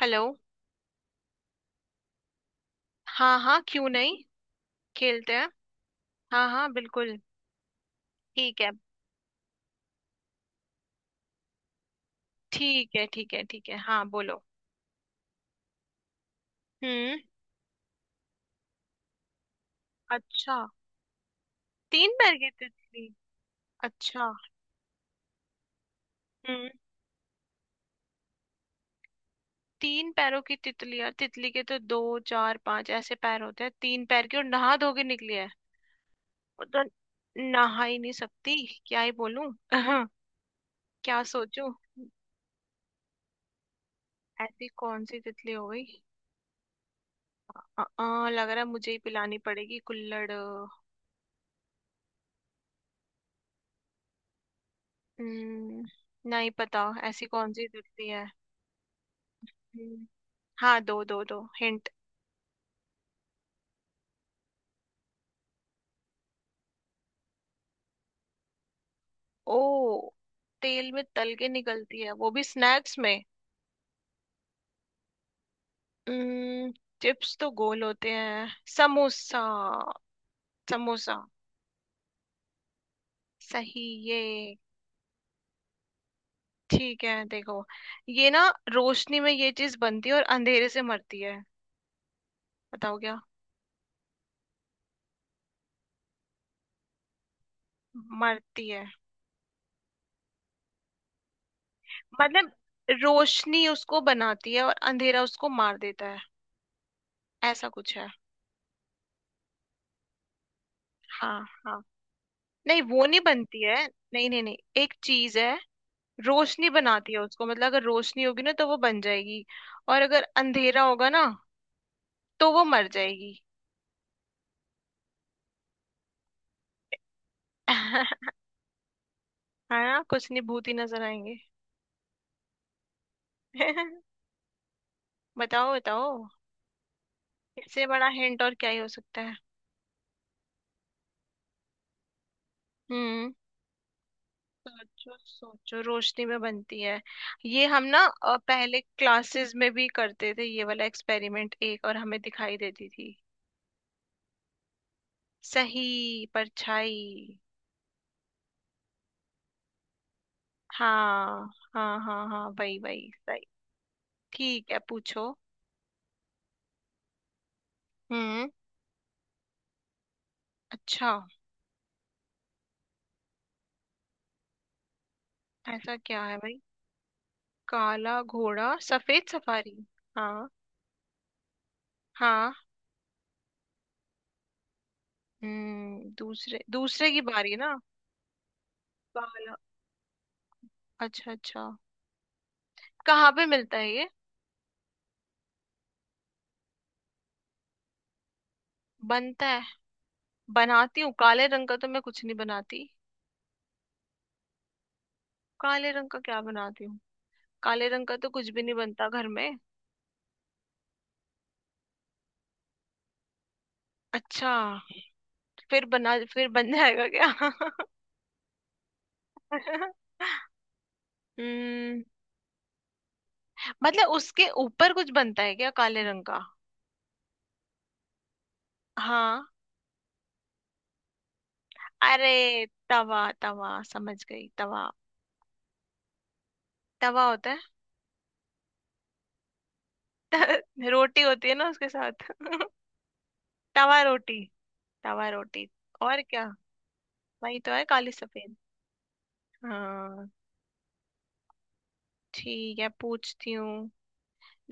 Hello. हाँ हाँ, क्यों नहीं। खेलते हैं। हाँ हाँ बिल्कुल। ठीक है ठीक है ठीक है ठीक है। हाँ बोलो। हम्म। अच्छा, तीन पैर की तितली। अच्छा। हम्म। तीन पैरों की तितली यार, तितली के तो दो चार पांच ऐसे पैर होते हैं। तीन पैर की और नहा धो के निकली है। वो तो नहा ही नहीं सकती। क्या ही बोलूं। क्या सोचूं। ऐसी कौन सी तितली हो गई। लग रहा है मुझे ही पिलानी पड़ेगी कुल्हड़। हम्म, नहीं पता ऐसी कौन सी दिखती है। हम्म। हाँ, दो दो दो हिंट। ओ, तेल में तल के निकलती है वो भी स्नैक्स में। हम्म, चिप्स तो गोल होते हैं। समोसा। समोसा। सही ये। ठीक है देखो, ये ना रोशनी में ये चीज बनती है और अंधेरे से मरती है। बताओ क्या। मरती है। मतलब रोशनी उसको बनाती है और अंधेरा उसको मार देता है। ऐसा कुछ है। हाँ हाँ। नहीं, वो नहीं बनती है। नहीं नहीं नहीं, एक चीज है। रोशनी बनाती है उसको, मतलब अगर रोशनी होगी ना तो वो बन जाएगी। और अगर अंधेरा होगा ना तो वो मर जाएगी। है ना, कुछ नहीं भूत ही नजर आएंगे। बताओ बताओ। इससे बड़ा हिंट और क्या ही हो सकता है। हम्म। सोचो सोचो, रोशनी में बनती है। ये हम ना पहले क्लासेस में भी करते थे ये वाला एक्सपेरिमेंट, एक और हमें दिखाई देती थी। सही, परछाई। हाँ हाँ हाँ, हाँ वही वही सही। ठीक है पूछो। हम्म। अच्छा। ऐसा क्या है भाई। काला घोड़ा सफेद सफारी। हाँ। हाँ। हम्म, दूसरे दूसरे की बारी ना। काला। अच्छा अच्छा। कहाँ पे मिलता है ये। बनता है। बनाती हूँ, काले रंग का तो मैं कुछ नहीं बनाती। काले रंग का क्या बनाती हूँ। काले रंग का तो कुछ भी नहीं बनता घर में। अच्छा, फिर बना फिर बन जाएगा क्या। हम्म, मतलब उसके ऊपर कुछ बनता है क्या काले रंग का। हाँ। अरे तवा, तवा समझ गई, तवा। तवा होता है। त- रोटी होती है ना उसके साथ। तवा रोटी। तवा रोटी। और क्या, वही तो है काली सफेद। हाँ। ठीक है पूछती हूँ।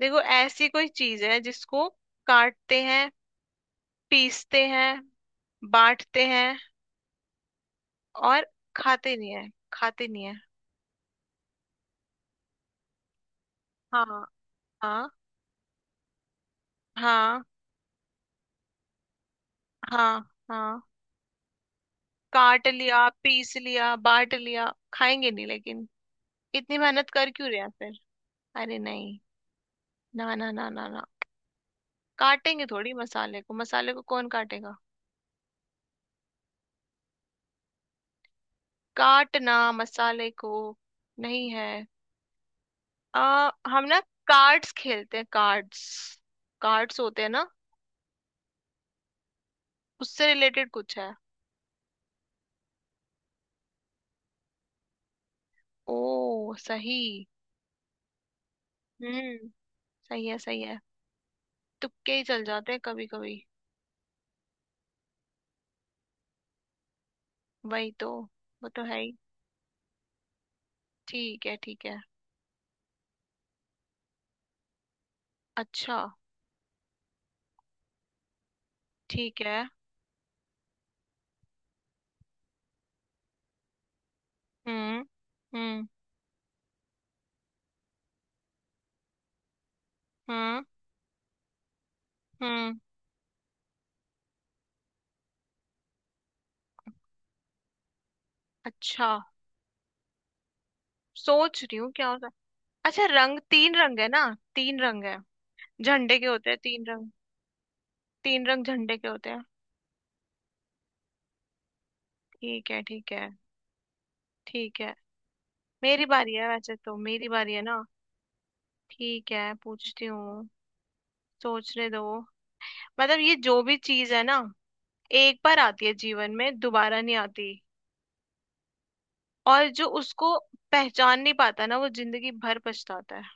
देखो ऐसी कोई चीज है जिसको काटते हैं, पीसते हैं, बांटते हैं, और खाते नहीं है। खाते नहीं है। हाँ हाँ हाँ। हाँ। हाँ। काट लिया पीस लिया बांट लिया खाएंगे नहीं लेकिन, इतनी मेहनत कर क्यों रहे हैं फिर। अरे नहीं। ना ना ना ना ना, काटेंगे थोड़ी मसाले को, मसाले को कौन काटेगा। काटना मसाले को नहीं है। हम ना कार्ड्स खेलते हैं, कार्ड्स। कार्ड्स होते हैं ना, उससे रिलेटेड कुछ है। ओ सही। हम्म, सही है सही है। तुक्के ही चल जाते हैं कभी कभी। वही तो। वो तो है ही। ठीक है ठीक है। अच्छा। ठीक है। हम्म। हम्म। हम्म। हम्म। अच्छा। सोच रही हूँ क्या होता है। अच्छा, रंग तीन रंग है ना। तीन रंग है, झंडे के होते हैं तीन रंग। तीन रंग झंडे के होते हैं। ठीक है ठीक है ठीक है। मेरी बारी है, वैसे तो मेरी बारी है ना। ठीक है पूछती हूँ। सोचने दो। मतलब ये जो भी चीज है ना, एक बार आती है जीवन में, दोबारा नहीं आती। और जो उसको पहचान नहीं पाता ना, वो जिंदगी भर पछताता है।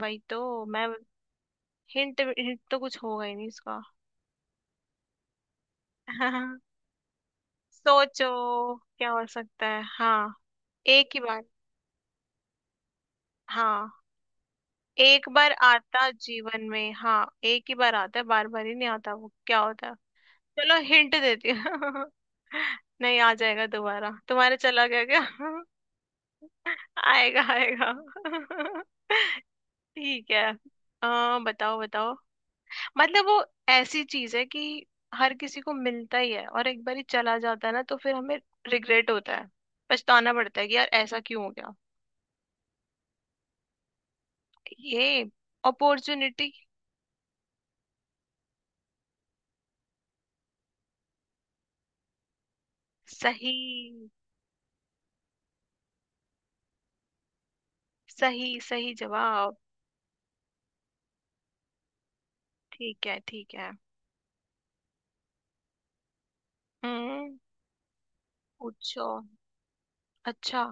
वही तो मैं। हिंट, हिंट तो कुछ होगा ही नहीं इसका। हाँ। सोचो क्या हो सकता है। हाँ, एक ही बार। हाँ, एक बार आता जीवन में, हाँ एक ही बार आता है, बार बार ही नहीं आता। वो क्या होता है। चलो हिंट देती हूँ। नहीं, आ जाएगा दोबारा, तुम्हारे चला गया क्या। आएगा आएगा। ठीक है। बताओ बताओ। मतलब वो ऐसी चीज है कि हर किसी को मिलता ही है, और एक बार ही चला जाता है ना तो फिर हमें रिग्रेट होता है, पछताना पड़ता है कि यार ऐसा क्यों हो गया। ये, अपॉर्चुनिटी। सही, सही सही जवाब। ठीक है ठीक है। हम्म। पूछो। अच्छा।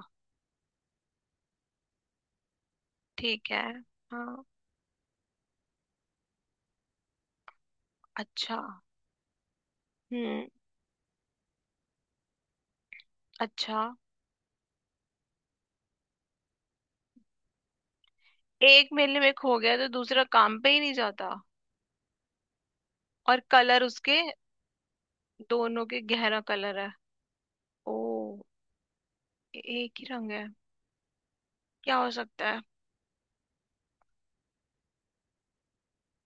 ठीक है। हाँ। अच्छा। हम्म। अच्छा, एक मेले में खो गया तो दूसरा काम पे ही नहीं जाता। और कलर उसके, दोनों के गहरा कलर है। ओ, एक ही रंग है। क्या हो सकता है।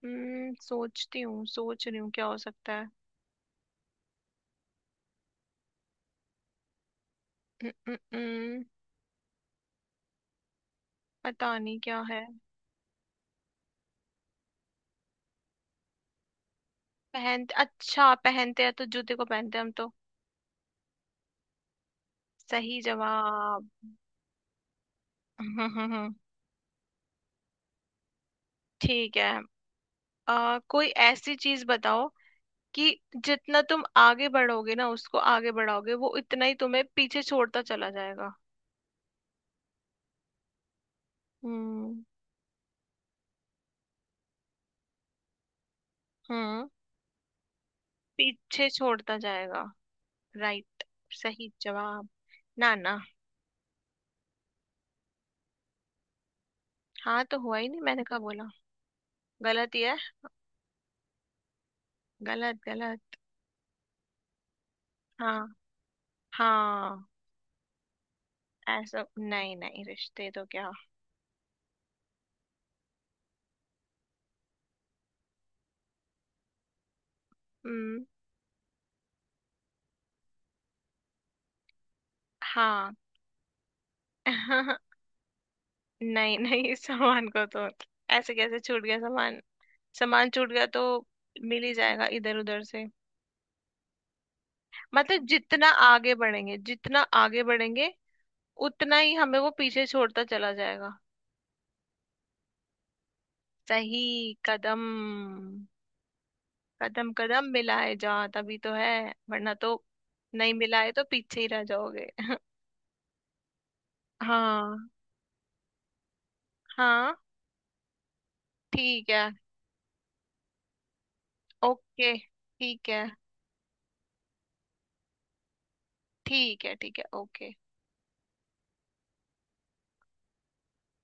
हम्म, सोचती हूँ, सोच रही हूँ क्या हो सकता है। हम्म, हम्म, हम्म, पता नहीं क्या है। पहन, अच्छा पहनते हैं तो जूते को पहनते हैं हम तो। सही जवाब। हम्म, हम्म। ठीक है। कोई ऐसी चीज बताओ कि जितना तुम आगे बढ़ोगे ना, उसको आगे बढ़ाओगे वो उतना ही तुम्हें पीछे छोड़ता चला जाएगा। हम्म। हम्म, पीछे छोड़ता जाएगा, राइट। सही जवाब। ना ना, हाँ तो हुआ ही नहीं, मैंने कहा बोला, गलत ही है। गलत गलत। हाँ। हाँ। ऐसा नहीं, नहीं रिश्ते तो क्या। हम्म। हाँ। नहीं नहीं, सामान को तो ऐसे कैसे छूट गया सामान। सामान छूट गया तो मिल ही जाएगा इधर उधर से। मतलब जितना आगे बढ़ेंगे, जितना आगे बढ़ेंगे उतना ही हमें वो पीछे छोड़ता चला जाएगा। सही, कदम। कदम, कदम मिलाए जा तभी तो है, वरना तो। नहीं मिलाए तो पीछे ही रह जाओगे। हाँ। हाँ। ठीक है ओके। ठीक है ठीक है ठीक है ओके।